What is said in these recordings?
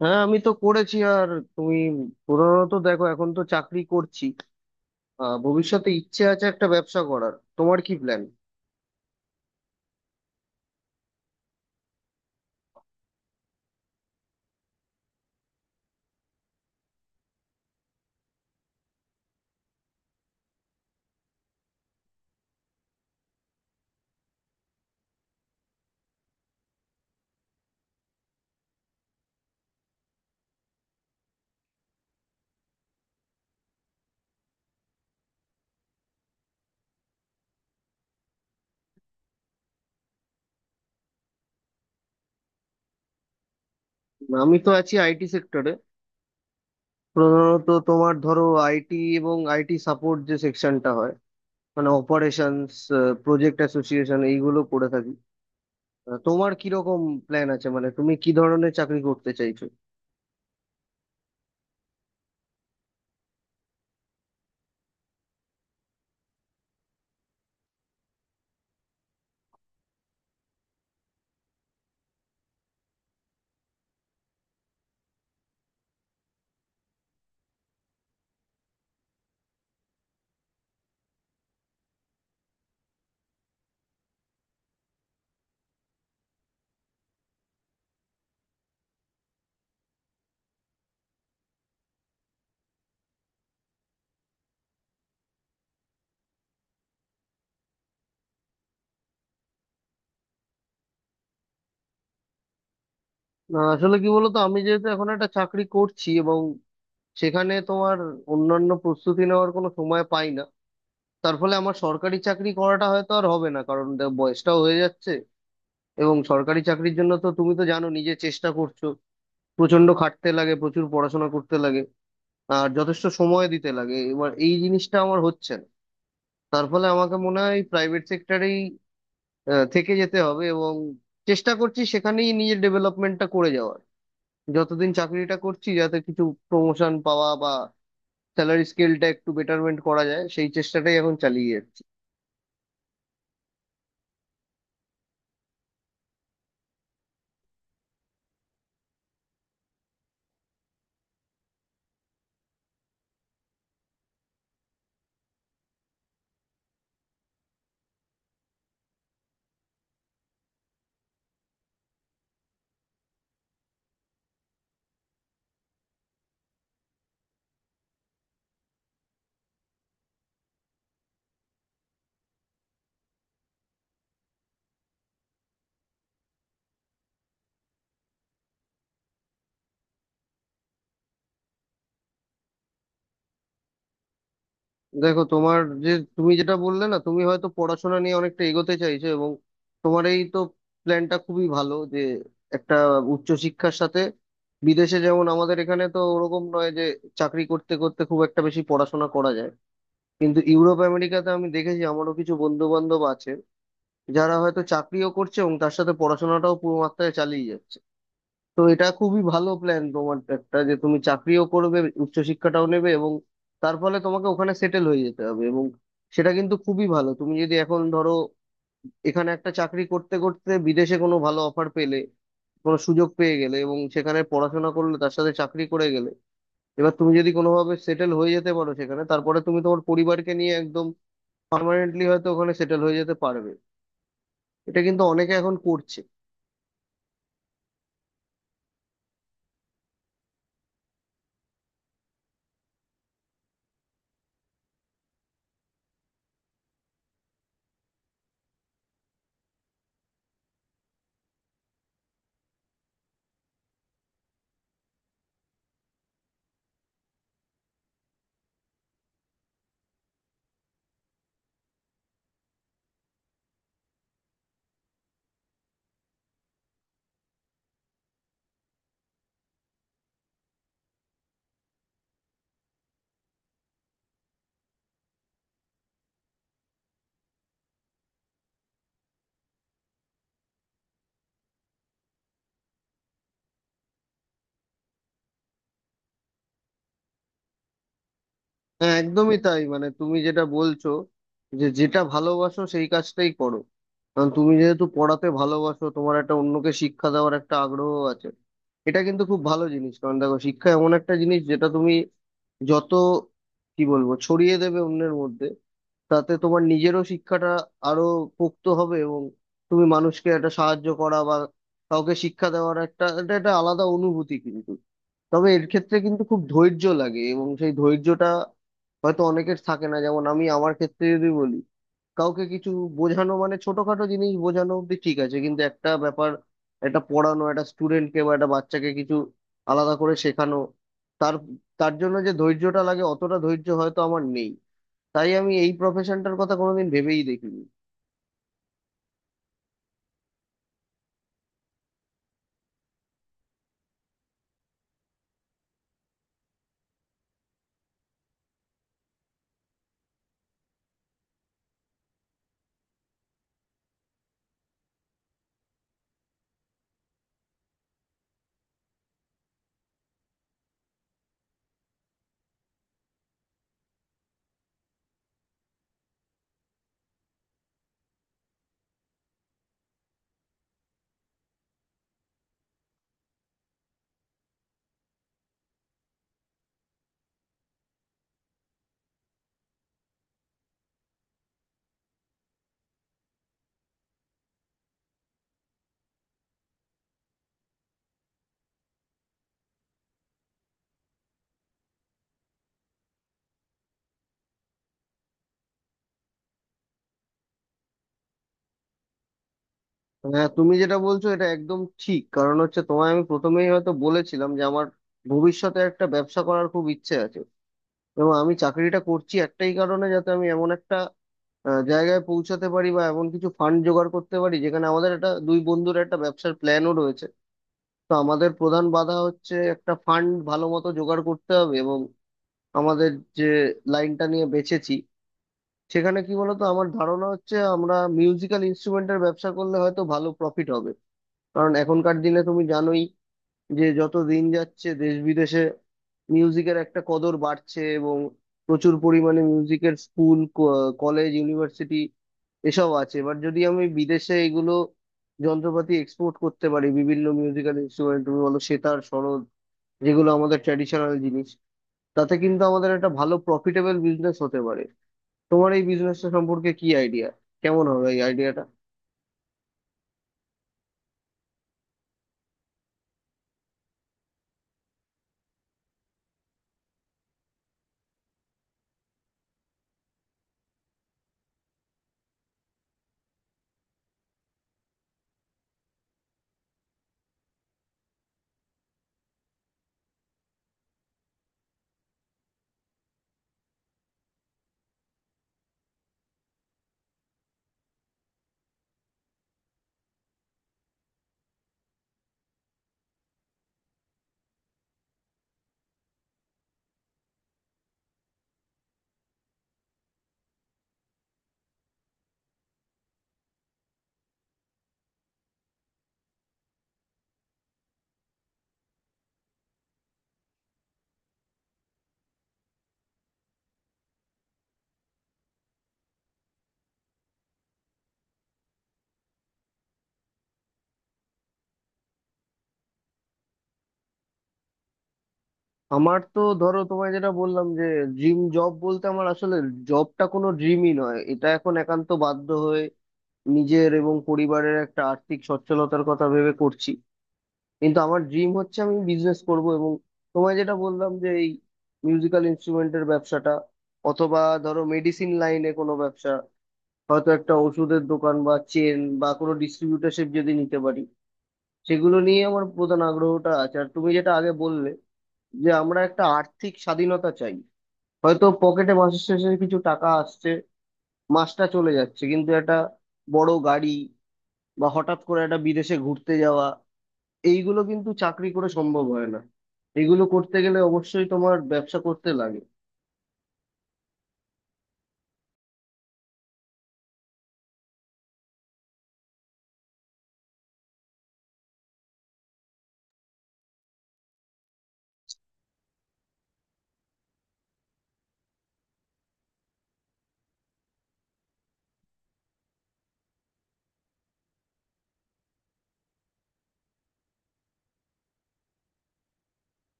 হ্যাঁ, আমি তো করেছি। আর তুমি? প্রধানত দেখো, এখন তো চাকরি করছি। ভবিষ্যতে ইচ্ছে আছে একটা ব্যবসা করার। তোমার কি প্ল্যান? আমি তো আছি আইটি সেক্টরে। প্রধানত তোমার ধরো আইটি এবং আইটি সাপোর্ট যে সেকশনটা হয়, মানে অপারেশনস, প্রজেক্ট অ্যাসোসিয়েশন এইগুলো করে থাকি। তোমার কি রকম প্ল্যান আছে, মানে তুমি কি ধরনের চাকরি করতে চাইছো? না, আসলে কি বলতো, আমি যেহেতু এখন একটা চাকরি করছি এবং সেখানে তোমার অন্যান্য প্রস্তুতি নেওয়ার কোনো সময় পাই না, তার ফলে আমার সরকারি চাকরি করাটা হয়তো আর হবে না। কারণ বয়সটাও হয়ে যাচ্ছে। এবং সরকারি চাকরির জন্য তো তুমি তো জানো, নিজে চেষ্টা করছো, প্রচন্ড খাটতে লাগে, প্রচুর পড়াশোনা করতে লাগে, আর যথেষ্ট সময় দিতে লাগে। এবার এই জিনিসটা আমার হচ্ছে না। তার ফলে আমাকে মনে হয় প্রাইভেট সেক্টরেই থেকে যেতে হবে, এবং চেষ্টা করছি সেখানেই নিজের ডেভেলপমেন্টটা করে যাওয়ার। যতদিন চাকরিটা করছি, যাতে কিছু প্রমোশন পাওয়া বা স্যালারি স্কেলটা একটু বেটারমেন্ট করা যায়, সেই চেষ্টাটাই এখন চালিয়ে যাচ্ছি। দেখো, তোমার যে, তুমি যেটা বললে না, তুমি হয়তো পড়াশোনা নিয়ে অনেকটা এগোতে চাইছো, এবং তোমার এই তো প্ল্যানটা খুবই ভালো। যে একটা উচ্চশিক্ষার সাথে বিদেশে, যেমন আমাদের এখানে তো ওরকম নয় যে চাকরি করতে করতে খুব একটা বেশি পড়াশোনা করা যায়, কিন্তু ইউরোপ আমেরিকাতে আমি দেখেছি, আমারও কিছু বন্ধু বান্ধব আছে যারা হয়তো চাকরিও করছে এবং তার সাথে পড়াশোনাটাও পুরো মাত্রায় চালিয়ে যাচ্ছে। তো এটা খুবই ভালো প্ল্যান তোমার একটা, যে তুমি চাকরিও করবে, উচ্চশিক্ষাটাও নেবে, এবং তার ফলে তোমাকে ওখানে সেটেল হয়ে যেতে হবে। এবং সেটা কিন্তু খুবই ভালো। তুমি যদি এখন ধরো এখানে একটা চাকরি করতে করতে বিদেশে কোনো ভালো অফার পেলে, কোনো সুযোগ পেয়ে গেলে, এবং সেখানে পড়াশোনা করলে, তার সাথে চাকরি করে গেলে, এবার তুমি যদি কোনোভাবে সেটেল হয়ে যেতে পারো সেখানে, তারপরে তুমি তোমার পরিবারকে নিয়ে একদম পার্মানেন্টলি হয়তো ওখানে সেটেল হয়ে যেতে পারবে। এটা কিন্তু অনেকে এখন করছে। হ্যাঁ, একদমই তাই। মানে তুমি যেটা বলছো যে যেটা ভালোবাসো সেই কাজটাই করো, কারণ তুমি যেহেতু পড়াতে ভালোবাসো, তোমার একটা অন্যকে শিক্ষা দেওয়ার একটা আগ্রহ আছে। এটা কিন্তু খুব ভালো জিনিস। কারণ দেখো, শিক্ষা এমন একটা জিনিস যেটা তুমি যত, কি বলবো, ছড়িয়ে দেবে অন্যের মধ্যে, তাতে তোমার নিজেরও শিক্ষাটা আরো পোক্ত হবে। এবং তুমি মানুষকে একটা সাহায্য করা বা কাউকে শিক্ষা দেওয়ার একটা, এটা একটা আলাদা অনুভূতি কিন্তু। তবে এর ক্ষেত্রে কিন্তু খুব ধৈর্য লাগে, এবং সেই ধৈর্যটা হয়তো অনেকের থাকে না। যেমন আমি, আমার ক্ষেত্রে যদি বলি, কাউকে কিছু বোঝানো, মানে ছোটখাটো জিনিস বোঝানো অব্দি ঠিক আছে, কিন্তু একটা ব্যাপার, একটা পড়ানো, একটা স্টুডেন্টকে বা একটা বাচ্চাকে কিছু আলাদা করে শেখানো, তার তার জন্য যে ধৈর্যটা লাগে, অতটা ধৈর্য হয়তো আমার নেই। তাই আমি এই প্রফেশনটার কথা কোনোদিন ভেবেই দেখিনি। হ্যাঁ, তুমি যেটা বলছো এটা একদম ঠিক। কারণ হচ্ছে, তোমায় আমি প্রথমেই হয়তো বলেছিলাম যে আমার ভবিষ্যতে একটা ব্যবসা করার খুব ইচ্ছে আছে। এবং আমি চাকরিটা করছি একটাই কারণে, যাতে আমি এমন একটা জায়গায় পৌঁছাতে পারি বা এমন কিছু ফান্ড জোগাড় করতে পারি, যেখানে আমাদের একটা দুই বন্ধুর একটা ব্যবসার প্ল্যানও রয়েছে। তো আমাদের প্রধান বাধা হচ্ছে একটা ফান্ড ভালো মতো জোগাড় করতে হবে। এবং আমাদের যে লাইনটা নিয়ে বেছেছি, সেখানে কি বলতো, আমার ধারণা হচ্ছে আমরা মিউজিক্যাল ইনস্ট্রুমেন্টের ব্যবসা করলে হয়তো ভালো প্রফিট হবে। কারণ এখনকার দিনে তুমি জানোই যে যত দিন যাচ্ছে দেশ বিদেশে মিউজিকের একটা কদর বাড়ছে, এবং প্রচুর পরিমাণে মিউজিকের স্কুল, কলেজ, ইউনিভার্সিটি এসব আছে। এবার যদি আমি বিদেশে এগুলো যন্ত্রপাতি এক্সপোর্ট করতে পারি, বিভিন্ন মিউজিক্যাল ইনস্ট্রুমেন্ট, তুমি বলো সেতার, সরোদ, যেগুলো আমাদের ট্র্যাডিশনাল জিনিস, তাতে কিন্তু আমাদের একটা ভালো প্রফিটেবল বিজনেস হতে পারে। তোমার এই বিজনেসটা সম্পর্কে কি আইডিয়া? কেমন হবে এই আইডিয়াটা? আমার তো, ধরো তোমায় যেটা বললাম যে ড্রিম জব বলতে, আমার আসলে জবটা কোনো ড্রিমই নয়। এটা এখন একান্ত বাধ্য হয়ে নিজের এবং পরিবারের একটা আর্থিক সচ্ছলতার কথা ভেবে করছি। কিন্তু আমার ড্রিম হচ্ছে আমি বিজনেস করব। এবং তোমায় যেটা বললাম যে এই মিউজিক্যাল ইনস্ট্রুমেন্টের ব্যবসাটা, অথবা ধরো মেডিসিন লাইনে কোনো ব্যবসা, হয়তো একটা ওষুধের দোকান বা চেন বা কোনো ডিস্ট্রিবিউটারশিপ যদি নিতে পারি, সেগুলো নিয়ে আমার প্রধান আগ্রহটা আছে। আর তুমি যেটা আগে বললে যে আমরা একটা আর্থিক স্বাধীনতা চাই, হয়তো পকেটে মাসের শেষে কিছু টাকা আসছে, মাসটা চলে যাচ্ছে, কিন্তু একটা বড় গাড়ি বা হঠাৎ করে একটা বিদেশে ঘুরতে যাওয়া, এইগুলো কিন্তু চাকরি করে সম্ভব হয় না। এগুলো করতে গেলে অবশ্যই তোমার ব্যবসা করতে লাগে।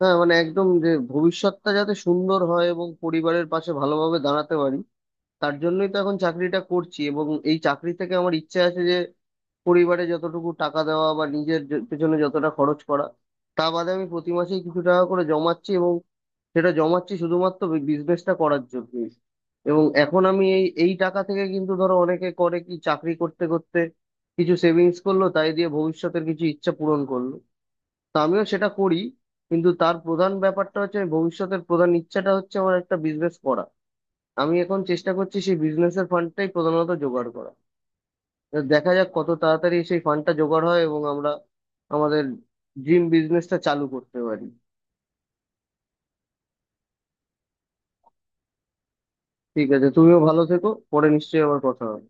হ্যাঁ, মানে একদম, যে ভবিষ্যৎটা যাতে সুন্দর হয় এবং পরিবারের পাশে ভালোভাবে দাঁড়াতে পারি, তার জন্যই তো এখন চাকরিটা করছি। এবং এই চাকরি থেকে আমার ইচ্ছে আছে যে পরিবারে যতটুকু টাকা দেওয়া বা নিজের পেছনে যতটা খরচ করা, তা বাদে আমি প্রতি মাসেই কিছু টাকা করে জমাচ্ছি। সেটা জমাচ্ছি শুধুমাত্র বিজনেসটা করার জন্য। এবং এখন আমি এই এই টাকা থেকে, কিন্তু ধরো অনেকে করে কি, চাকরি করতে করতে কিছু সেভিংস করলো, তাই দিয়ে ভবিষ্যতের কিছু ইচ্ছা পূরণ করলো, তো আমিও সেটা করি। কিন্তু তার প্রধান ব্যাপারটা হচ্ছে, আমি ভবিষ্যতের প্রধান ইচ্ছাটা হচ্ছে আমার একটা বিজনেস করা। আমি এখন চেষ্টা করছি সেই বিজনেসের ফান্ডটাই প্রধানত জোগাড় করা। তো দেখা যাক কত তাড়াতাড়ি সেই ফান্ডটা জোগাড় হয় এবং আমরা আমাদের ড্রিম বিজনেসটা চালু করতে পারি। ঠিক আছে, তুমিও ভালো থেকো। পরে নিশ্চয়ই আবার কথা হবে।